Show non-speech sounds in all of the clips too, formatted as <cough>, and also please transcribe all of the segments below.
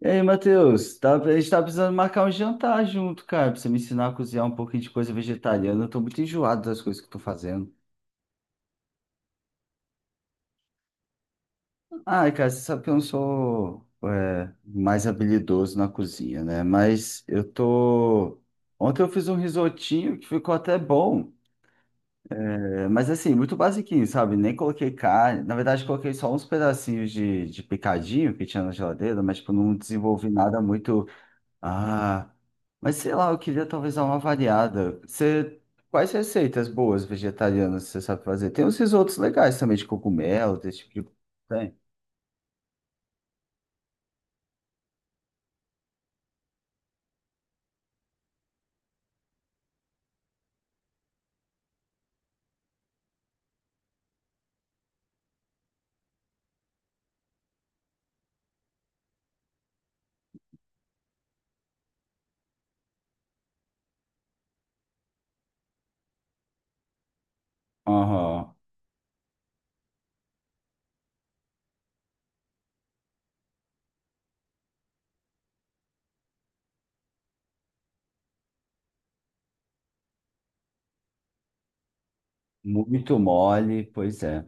E aí, Matheus, tá, a gente tá precisando marcar um jantar junto, cara, pra você me ensinar a cozinhar um pouquinho de coisa vegetariana. Eu tô muito enjoado das coisas que eu tô fazendo. Ai, cara, você sabe que eu não sou mais habilidoso na cozinha, né? Mas eu tô. Ontem eu fiz um risotinho que ficou até bom, mas assim, muito basiquinho, sabe? Nem coloquei carne. Na verdade, coloquei só uns pedacinhos de picadinho que tinha na geladeira, mas tipo, não desenvolvi nada muito. Ah, mas sei lá, eu queria talvez dar uma variada. Você, quais receitas boas vegetarianas você sabe fazer? Tem uns risotos legais também de cogumelo, desse tipo de... Tem? Aham, muito mole, pois é.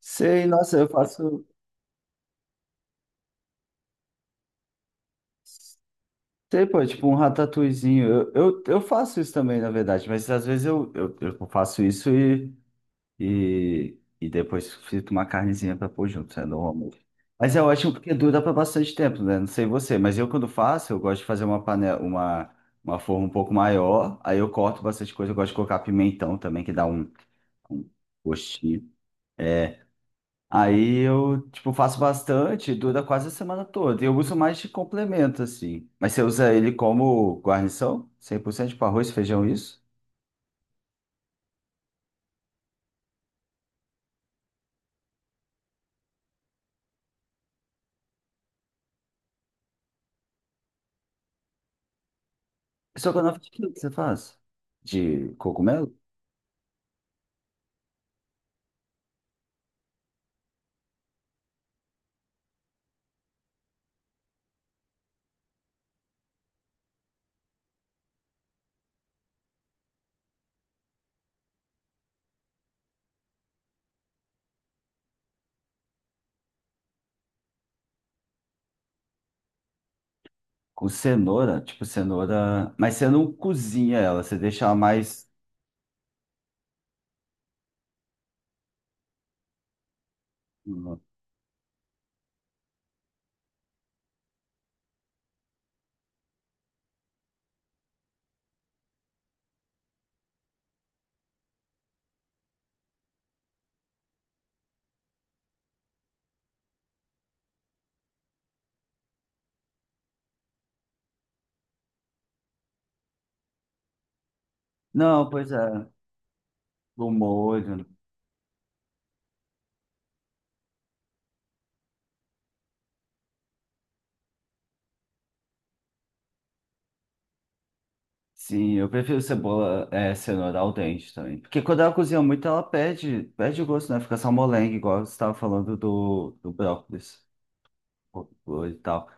Sei, nossa, eu faço... Sei, pô, tipo um ratatouillezinho. Eu faço isso também, na verdade, mas às vezes eu faço isso e... E depois frita uma carnezinha pra pôr junto, né, normalmente. Mas é ótimo porque dura pra bastante tempo, né? Não sei você, mas eu quando faço, eu gosto de fazer uma panela, uma forma um pouco maior, aí eu corto bastante coisa, eu gosto de colocar pimentão também, que dá um gostinho. É, aí eu, tipo, faço bastante, dura quase a semana toda. E eu uso mais de complemento, assim. Mas você usa ele como guarnição? 100% para arroz, feijão, isso? Só que eu não fiz o que você faz? De cogumelo? Com cenoura, tipo cenoura. Mas você não cozinha ela, você deixa ela mais. Não, pois é, no molho. Sim, eu prefiro cebola, é, cenoura al dente também. Porque quando ela cozinha muito, ela perde, perde o gosto, né? Fica só molenga, igual você estava falando do brócolis e tal.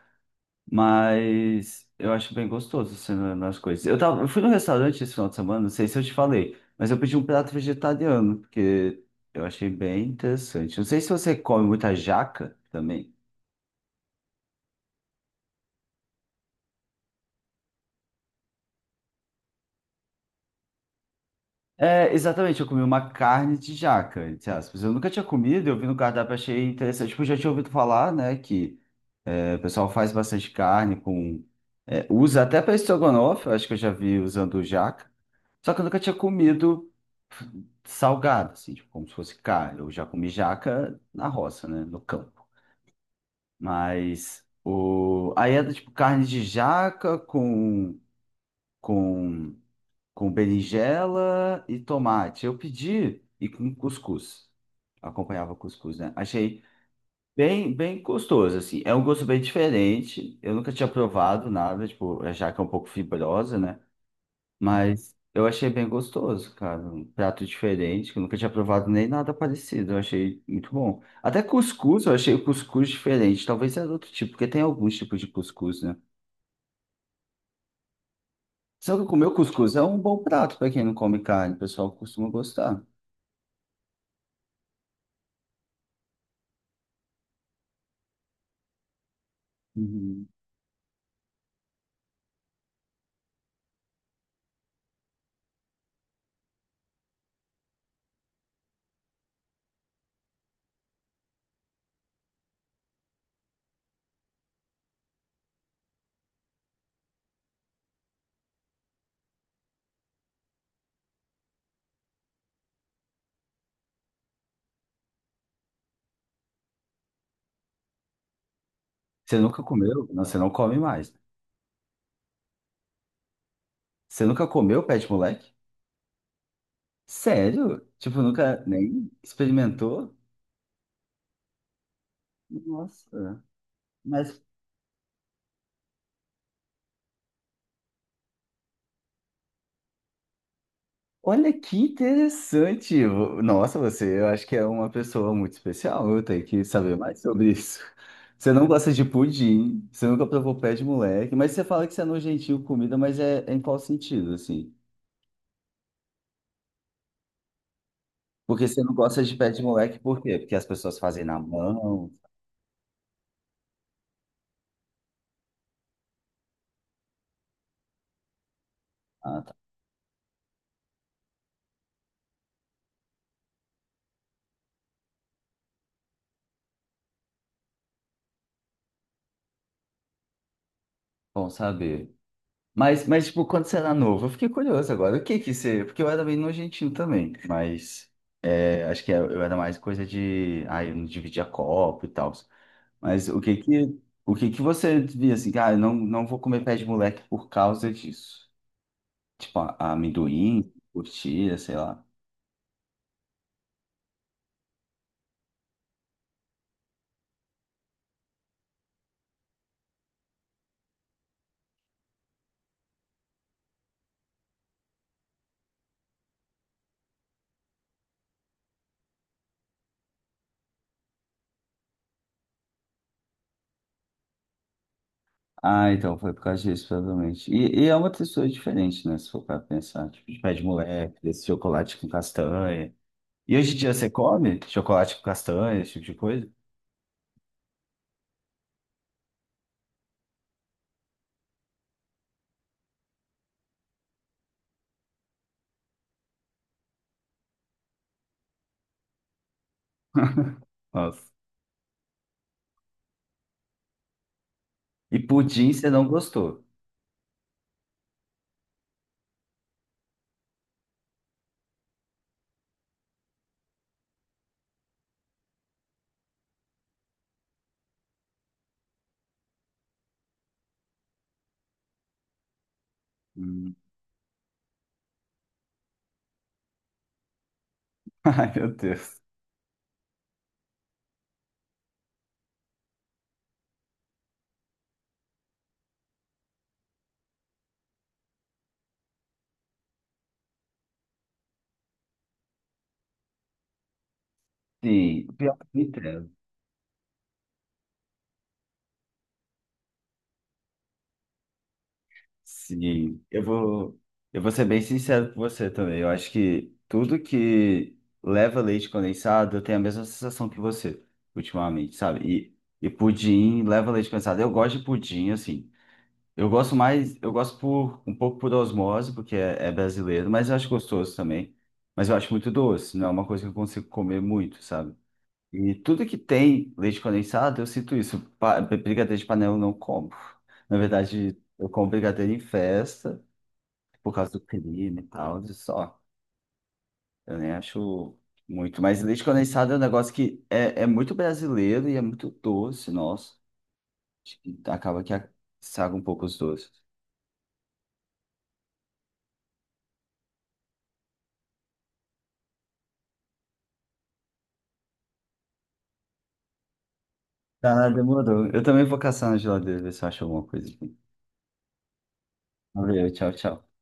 Mas eu acho bem gostoso assim, na- nas coisas. Eu tava, eu fui no restaurante esse final de semana, não sei se eu te falei, mas eu pedi um prato vegetariano, porque eu achei bem interessante. Não sei se você come muita jaca também. É, exatamente, eu comi uma carne de jaca, entre aspas. Eu nunca tinha comido, eu vi no cardápio, achei interessante. Tipo, eu já tinha ouvido falar, né, que o pessoal faz bastante carne com... usa até para estrogonofe, eu acho que eu já vi usando jaca. Só que eu nunca tinha comido salgado, assim, tipo, como se fosse carne. Eu já comi jaca na roça, né? No campo. Mas o... aí era tipo carne de jaca com, com berinjela e tomate. Eu pedi e com cuscuz. Acompanhava cuscuz, né? Achei bem gostoso, assim. É um gosto bem diferente. Eu nunca tinha provado nada, tipo, a jaca é um pouco fibrosa, né? Mas eu achei bem gostoso, cara. Um prato diferente, que eu nunca tinha provado nem nada parecido. Eu achei muito bom. Até cuscuz, eu achei o cuscuz diferente. Talvez era outro tipo, porque tem alguns tipos de cuscuz, né? Só que comer o cuscuz é um bom prato para quem não come carne. O pessoal costuma gostar. Uhum. Você nunca comeu? Não, você não come mais. Você nunca comeu pé de moleque? Sério? Tipo, nunca nem experimentou? Nossa. Mas olha que interessante. Vo- Nossa, você, eu acho que é uma pessoa muito especial. Eu tenho que saber mais sobre isso. Você não gosta de pudim, você nunca provou pé de moleque, mas você fala que você é nojentinho com comida, mas é em qual sentido, assim? Porque você não gosta de pé de moleque, por quê? Porque as pessoas fazem na mão. Ah, tá. Bom saber. Mas, tipo, quando você era novo, eu fiquei curioso agora. O que que você. Porque eu era bem nojentinho também, mas acho que é, eu era mais coisa de. Ah, eu não dividia copo e tal. Mas o que que você via assim, cara, ah, não vou comer pé de moleque por causa disso. Tipo, a amendoim, curtira, sei lá. Ah, então foi por causa disso, provavelmente. E é uma textura diferente, né? Se for pra pensar, tipo, de pé de moleque, desse chocolate com castanha. E hoje em dia você come chocolate com castanha, esse tipo de coisa? Nossa. E pudim você não gostou. Hum. <laughs> Ai, meu Deus. Sim, pior é que me entendo. Sim, eu vou ser bem sincero com você também. Eu acho que tudo que leva leite condensado, eu tenho a mesma sensação que você ultimamente, sabe? E pudim leva leite condensado. Eu gosto de pudim, assim. Eu gosto mais, eu gosto por um pouco por osmose, porque é brasileiro, mas eu acho gostoso também. Mas eu acho muito doce, não é uma coisa que eu consigo comer muito, sabe? E tudo que tem leite condensado, eu sinto isso. Pa- Brigadeiro de panela eu não como. Na verdade, eu como brigadeiro em festa, por causa do creme e tal, e só. Eu nem acho muito. Mas leite condensado é um negócio que é muito brasileiro e é muito doce, nossa. Acho que acaba que estraga um pouco os doces. Tá, demorou. Eu também vou caçar na geladeira, ver se eu acho alguma coisa aqui. Valeu, tchau, tchau.